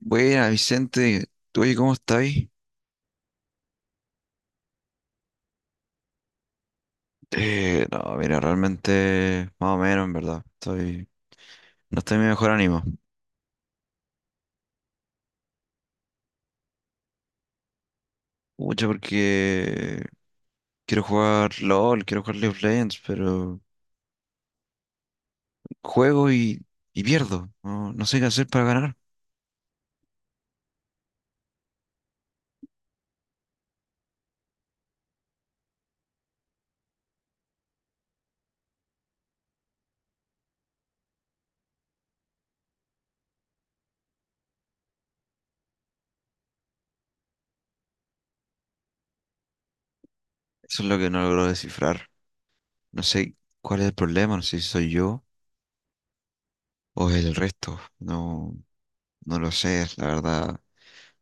Buena, Vicente, ¿tú oye, cómo estáis? No, mira, realmente más o menos, en verdad. No estoy en mi mejor ánimo. Mucho porque quiero jugar LOL, quiero jugar League of Legends, pero juego y pierdo. No sé qué hacer para ganar. Eso es lo que no logro descifrar. No sé cuál es el problema, no sé si soy yo o es el resto. No, no lo sé, la verdad.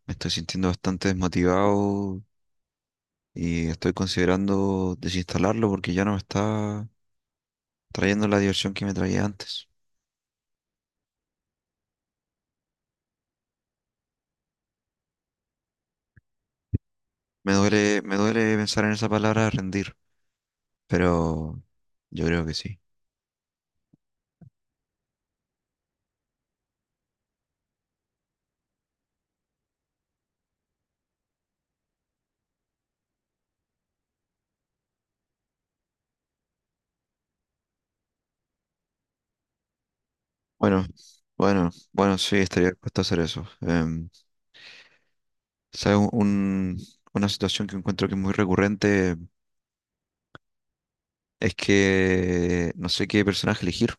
Me estoy sintiendo bastante desmotivado y estoy considerando desinstalarlo porque ya no me está trayendo la diversión que me traía antes. Me duele pensar en esa palabra rendir, pero yo creo que sí. Bueno, bueno, bueno, sí, estaría dispuesto a hacer eso. ¿Sabes? Una situación que encuentro que es muy recurrente es que no sé qué personaje elegir.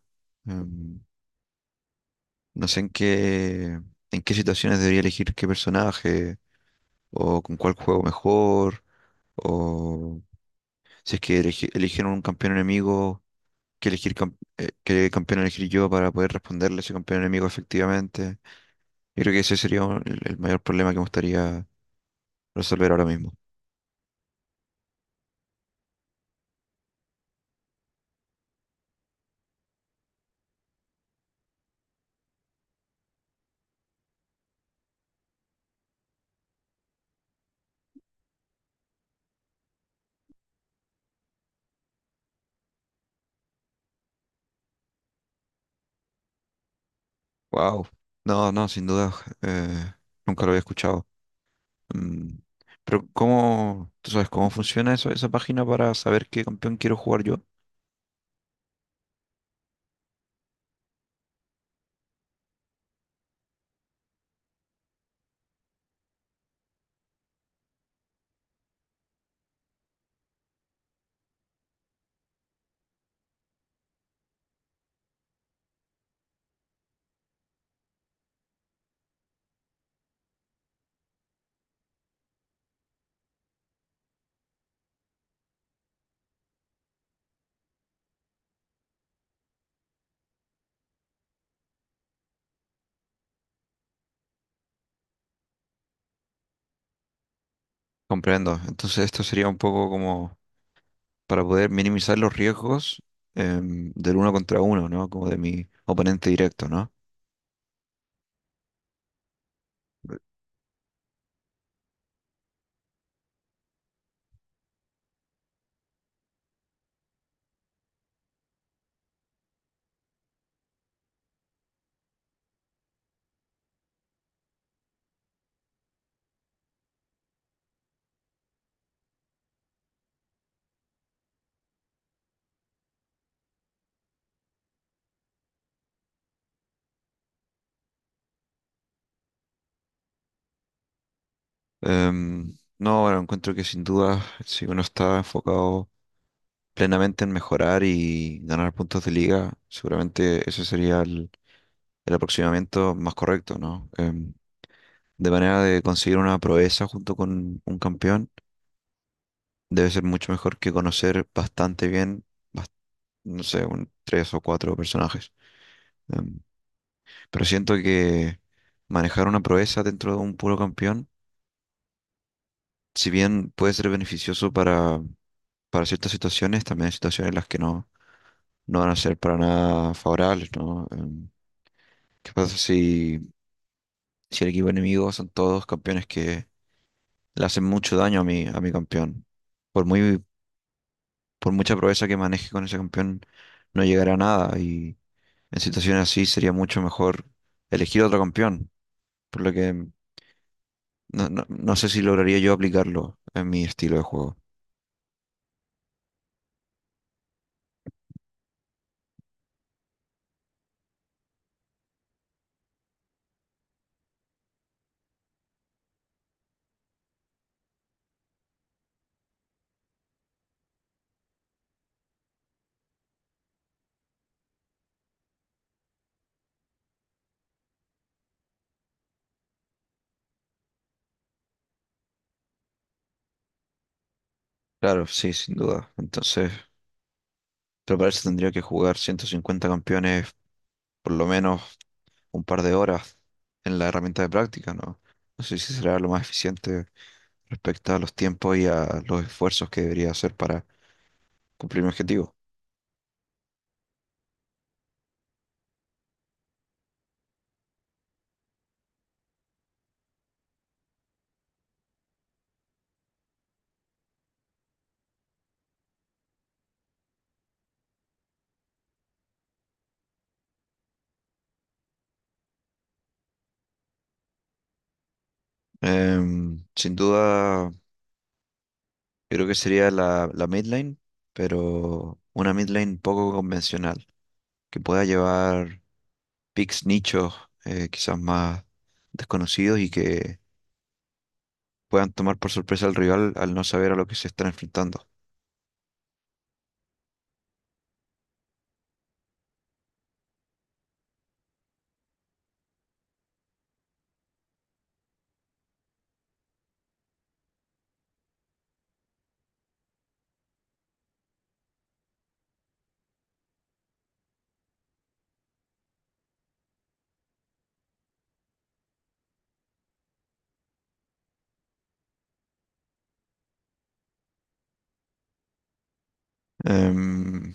Em, no sé en en qué situaciones debería elegir qué personaje o con cuál juego mejor. O si es que eligieron un campeón enemigo, que elegir qué campeón elegir yo para poder responderle a ese campeón enemigo efectivamente. Yo creo que ese sería el mayor problema que me gustaría resolver ahora mismo. Wow. No, no, sin duda. eh, Nunca lo había escuchado. Mm, Pero ¿cómo, tú sabes cómo funciona eso, esa página para saber qué campeón quiero jugar yo? Comprendo. Entonces esto sería un poco como para poder minimizar los riesgos del uno contra uno, ¿no? Como de mi oponente directo, ¿no? Em, no, bueno, encuentro que sin duda, si uno está enfocado plenamente en mejorar y ganar puntos de liga, seguramente ese sería el aproximamiento más correcto, ¿no? De manera de conseguir una proeza junto con un campeón, debe ser mucho mejor que conocer bastante bien, bas- no sé, un, tres o cuatro personajes. Em, pero siento que manejar una proeza dentro de un puro campeón, si bien puede ser beneficioso para ciertas situaciones, también hay situaciones en las que no van a ser para nada favorables, ¿no? ¿Qué pasa si el equipo enemigo son todos campeones que le hacen mucho daño a a mi campeón? Por muy, por mucha proeza que maneje con ese campeón, no llegará a nada y en situaciones así sería mucho mejor elegir otro campeón, por lo que no, no, no sé si lograría yo aplicarlo en mi estilo de juego. Claro, sí, sin duda. Entonces, pero para eso tendría que jugar 150 campeones por lo menos un par de horas en la herramienta de práctica, ¿no? No sé si será lo más eficiente respecto a los tiempos y a los esfuerzos que debería hacer para cumplir mi objetivo. Sin duda, yo creo que sería la mid lane, pero una mid lane poco convencional, que pueda llevar picks nichos quizás más desconocidos y que puedan tomar por sorpresa al rival al no saber a lo que se están enfrentando. Em,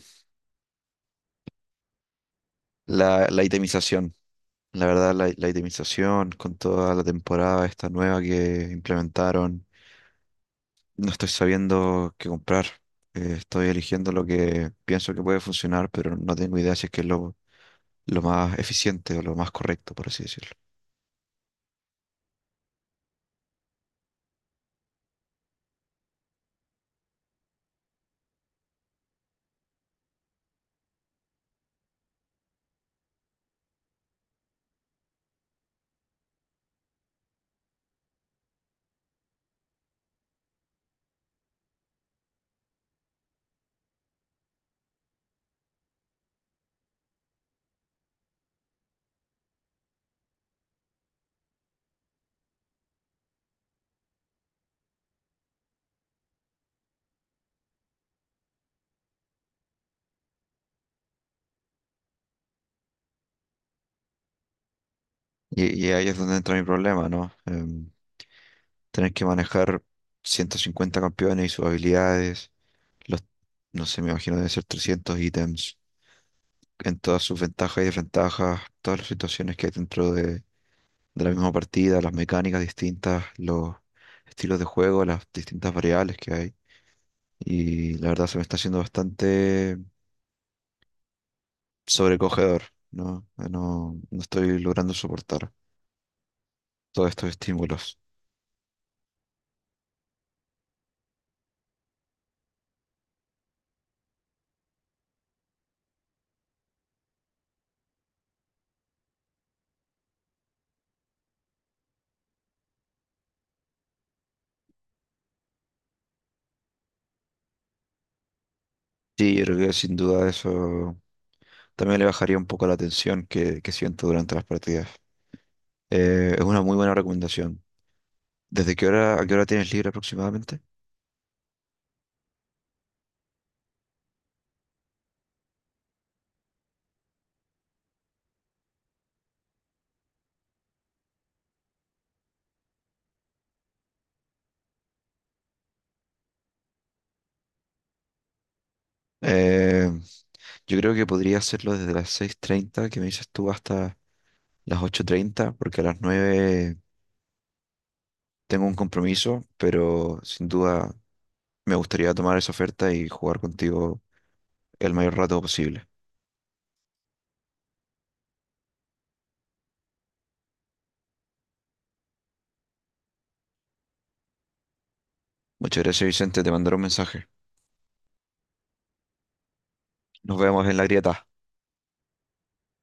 la itemización. La verdad, la itemización con toda la temporada esta nueva que implementaron, no estoy sabiendo qué comprar. Estoy eligiendo lo que pienso que puede funcionar, pero no tengo idea si es que es lo más eficiente o lo más correcto, por así decirlo. Y ahí es donde entra mi problema, ¿no? Tener que manejar 150 campeones y sus habilidades, los, no sé, me imagino deben ser 300 ítems, en todas sus ventajas y desventajas, todas las situaciones que hay dentro de la misma partida, las mecánicas distintas, los estilos de juego, las distintas variables que hay. Y la verdad se me está haciendo bastante sobrecogedor, ¿no? No estoy logrando soportar todos estos estímulos. Sí, yo creo que sin duda eso también le bajaría un poco la tensión que siento durante las partidas. Es una muy buena recomendación. ¿Desde qué hora, a qué hora tienes libre aproximadamente? Eh, yo creo que podría hacerlo desde las 6:30 que me dices tú hasta las 8:30 porque a las 9 tengo un compromiso, pero sin duda me gustaría tomar esa oferta y jugar contigo el mayor rato posible. Muchas gracias, Vicente, te mandaré un mensaje. Nos vemos en la grieta.